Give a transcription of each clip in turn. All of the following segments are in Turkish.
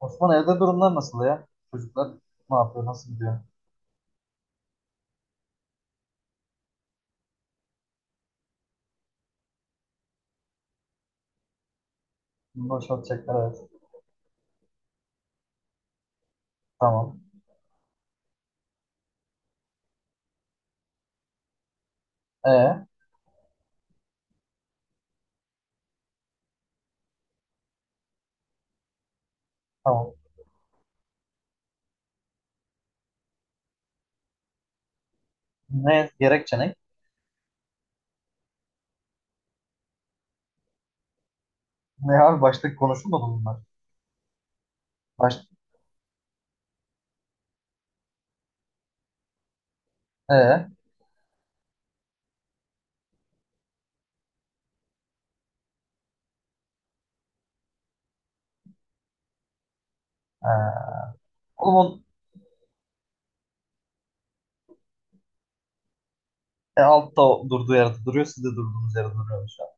Osman evde durumlar nasıl ya? Çocuklar ne yapıyor? Nasıl gidiyor? Bunu boşaltacaklar, evet. Tamam. Ee, tamam. Ne gerekçe ne? Ne abi, başta konuşulmadı bunlar. Baş... Ee, ee. Oğlum, altta o durduğu yerde duruyor. Siz de durduğunuz yerde duruyorsunuz şu an.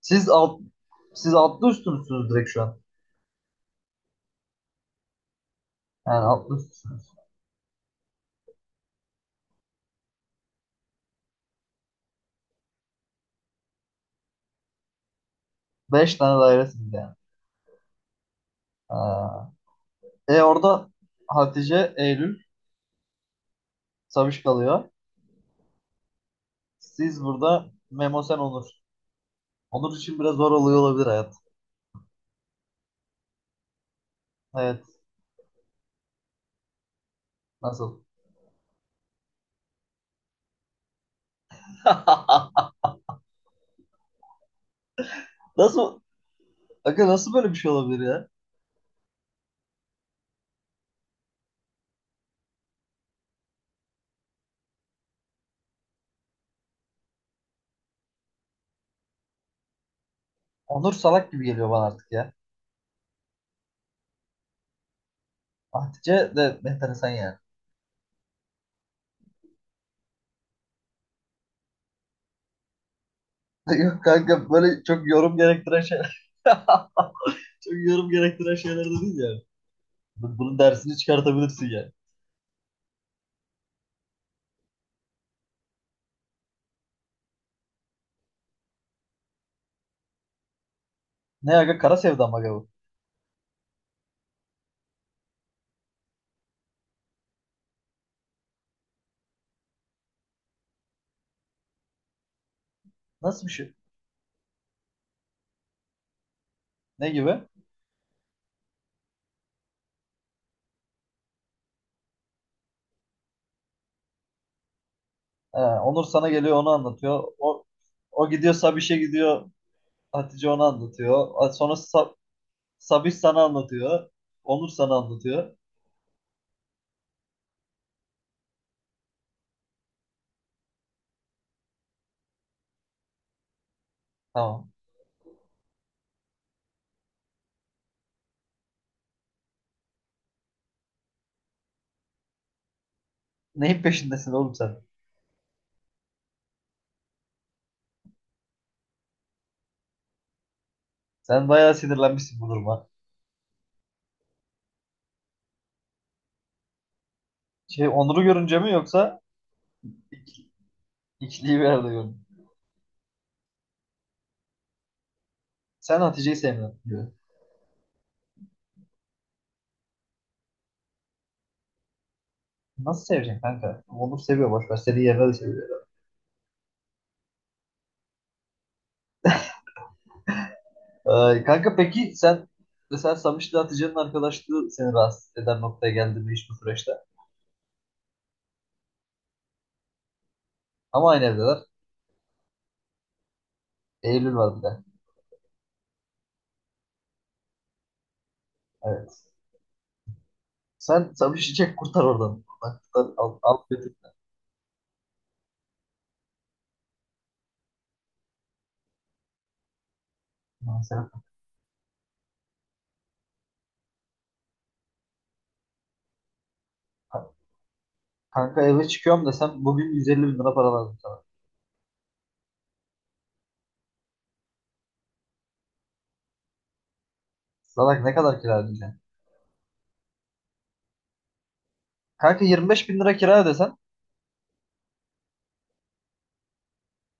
Siz alt, siz altlı üstü müsünüz direkt şu an? Yani altlı üstüsünüz. Beş tane dairesiniz yani. Orada Hatice, Eylül, Sabiş kalıyor. Siz burada Memo sen Onur. Onur için biraz zor oluyor olabilir hayat. Evet. Nasıl? Nasıl? Aga, nasıl böyle bir şey olabilir ya? Onur salak gibi geliyor bana artık ya. Hatice de enteresan yani. Yok kanka, böyle çok yorum gerektiren şeyler. Çok yorum gerektiren şeyler de değil yani. Bunun dersini çıkartabilirsin yani. Ne aga, kara sevda mı aga bu? Nasıl bir şey? Ne gibi? Ha, Onur sana geliyor onu anlatıyor. O gidiyor, Sabiş'e gidiyor. Hatice onu anlatıyor. Sonra Sabiş sana anlatıyor. Onur sana anlatıyor. Tamam. Neyin peşindesin oğlum sen? Sen bayağı sinirlenmişsin bu duruma. Şey, Onur'u görünce mi yoksa ik- ikiliyi bir arada görün. Sen Hatice'yi sevmiyorsun diyor. Nasıl seveceksin kanka? Onur seviyor, boş ver. Seni yerine de seviyor. Kanka peki sen mesela Samiş'le Hatice'nin arkadaşlığı seni rahatsız eden noktaya geldi mi hiç bu süreçte? Ama aynı evdeler. Eylül var bir de. Evet. Sen Samiş'i çek kurtar oradan. Kurtar, kurtar, al, al götür. Lan sen- Kanka eve çıkıyorum desem bugün 150 bin lira para lazım sana. Salak, ne kadar kira ödeyeceksin? Kanka, 25 bin lira kira ödesen.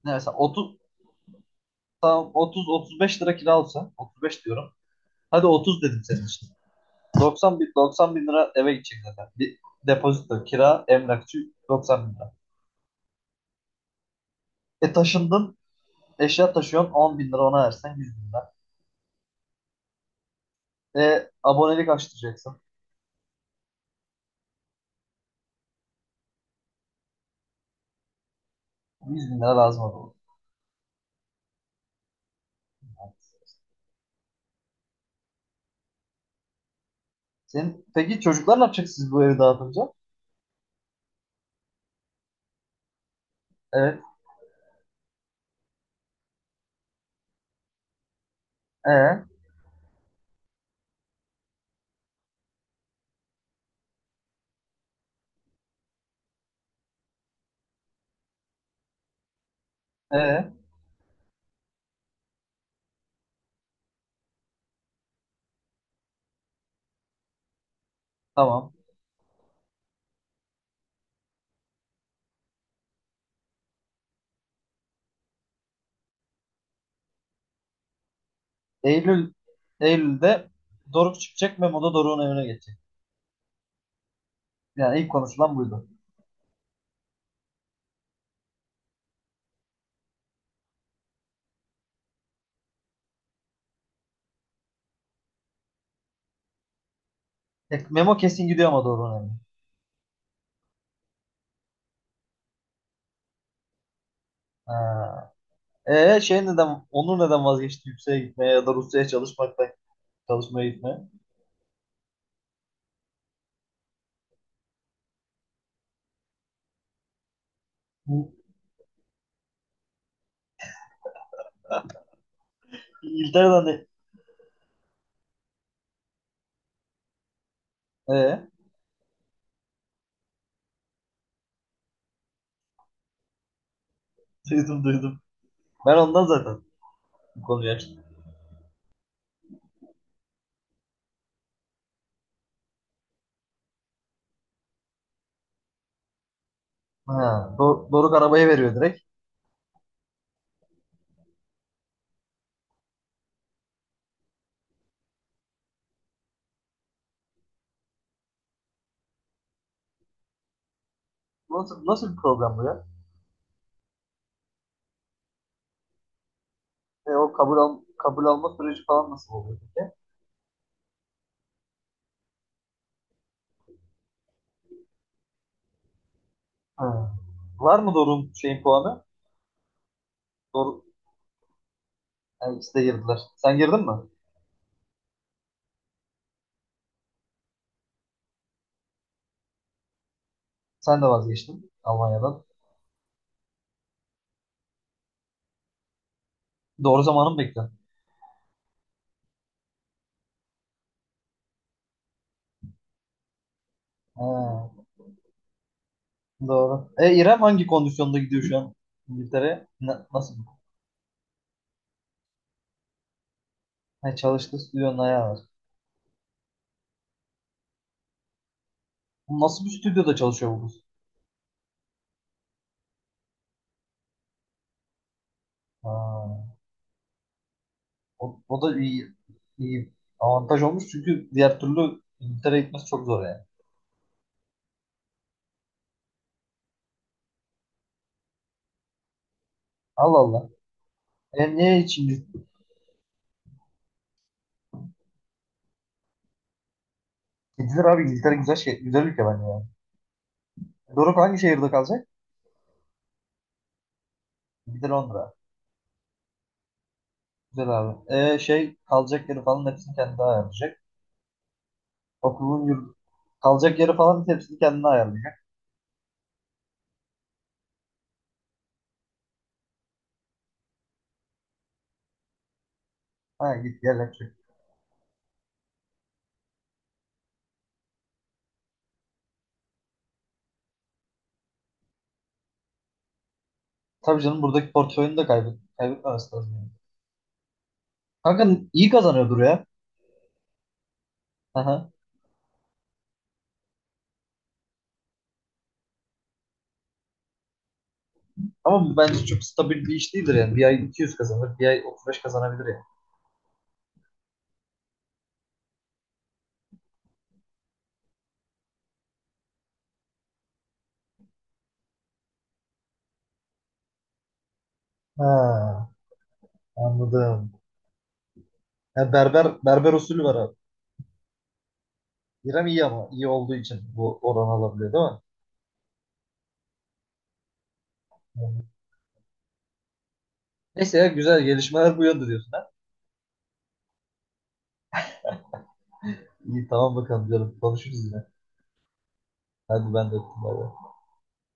Ne mesela, 30, tamam 30 35 lira kira olsa, 35 diyorum. Hadi 30 dedim senin için. 90 bin lira eve gidecek zaten. Bir depozito, kira, emlakçı, 90 bin lira. Taşındın, eşya taşıyorsun, 10 bin lira ona versen 100 bin lira. Abonelik açtıracaksın. 100 bin lira lazım olur. Peki çocuklar ne yapacak siz bu evi dağıtınca? Evet. E, e, tamam. Eylül Eylül'de Doruk çıkacak. Memo da Doruk'un evine geçecek. Yani ilk konuşulan buydu. Memo kesin gidiyor ama Doruk'un evine. Ha. Onur neden vazgeçti yükseğe gitmeye ya da Rusya'ya çalışmaya gitmeye? Bu İngiltere'den de ee, duydum duydum. Ben ondan zaten bu konuyu açtım. Ha, Doruk arabayı veriyor direkt. Nasıl bir program bu ya? E, o kabul, al Kabul alma süreci falan nasıl oluyor peki? Ha. Var mı Doruk'un şeyin puanı? Doruk, Yani ikisi de girdiler. Sen girdin mi? Sen de vazgeçtin Almanya'dan. Doğru zamanı mı bekliyorsun? Ha. Doğru. İrem hangi kondisyonda gidiyor şu an İngiltere'ye? Nasıl? Ha, çalıştığı stüdyonun ayağı var. Nasıl bir stüdyoda çalışıyor bu kız? Ha, o da iyi avantaj olmuş, çünkü diğer türlü İngiltere'ye gitmesi çok zor yani. Allah Allah. Niye hiç gidilir abi, İngiltere güzel ülke bence yani. Doruk hangi şehirde kalacak? Bir de Londra. Güzel abi. Kalacak yeri falan hepsini kendi ayarlayacak. Okulun yurt, Kalacak yeri falan hepsini kendi ayarlayacak. Ha, git gel. Tabii canım, buradaki portföyünü de kaybetmemesi lazım. Yani. Kanka iyi kazanıyordur ya. Aha. Ama bence çok stabil bir iş değildir yani. Bir ay 200 kazanır, bir ay 35 kazanabilir yani. Ha, anladım. Ya, berber usulü var abi. İrem iyi, ama iyi olduğu için bu oran alabiliyor değil mi? Yani. Neyse ya, güzel gelişmeler bu yönde diyorsun ha. İyi, tamam, bakalım canım, konuşuruz yine. Hadi ben de öptüm. Bay bay.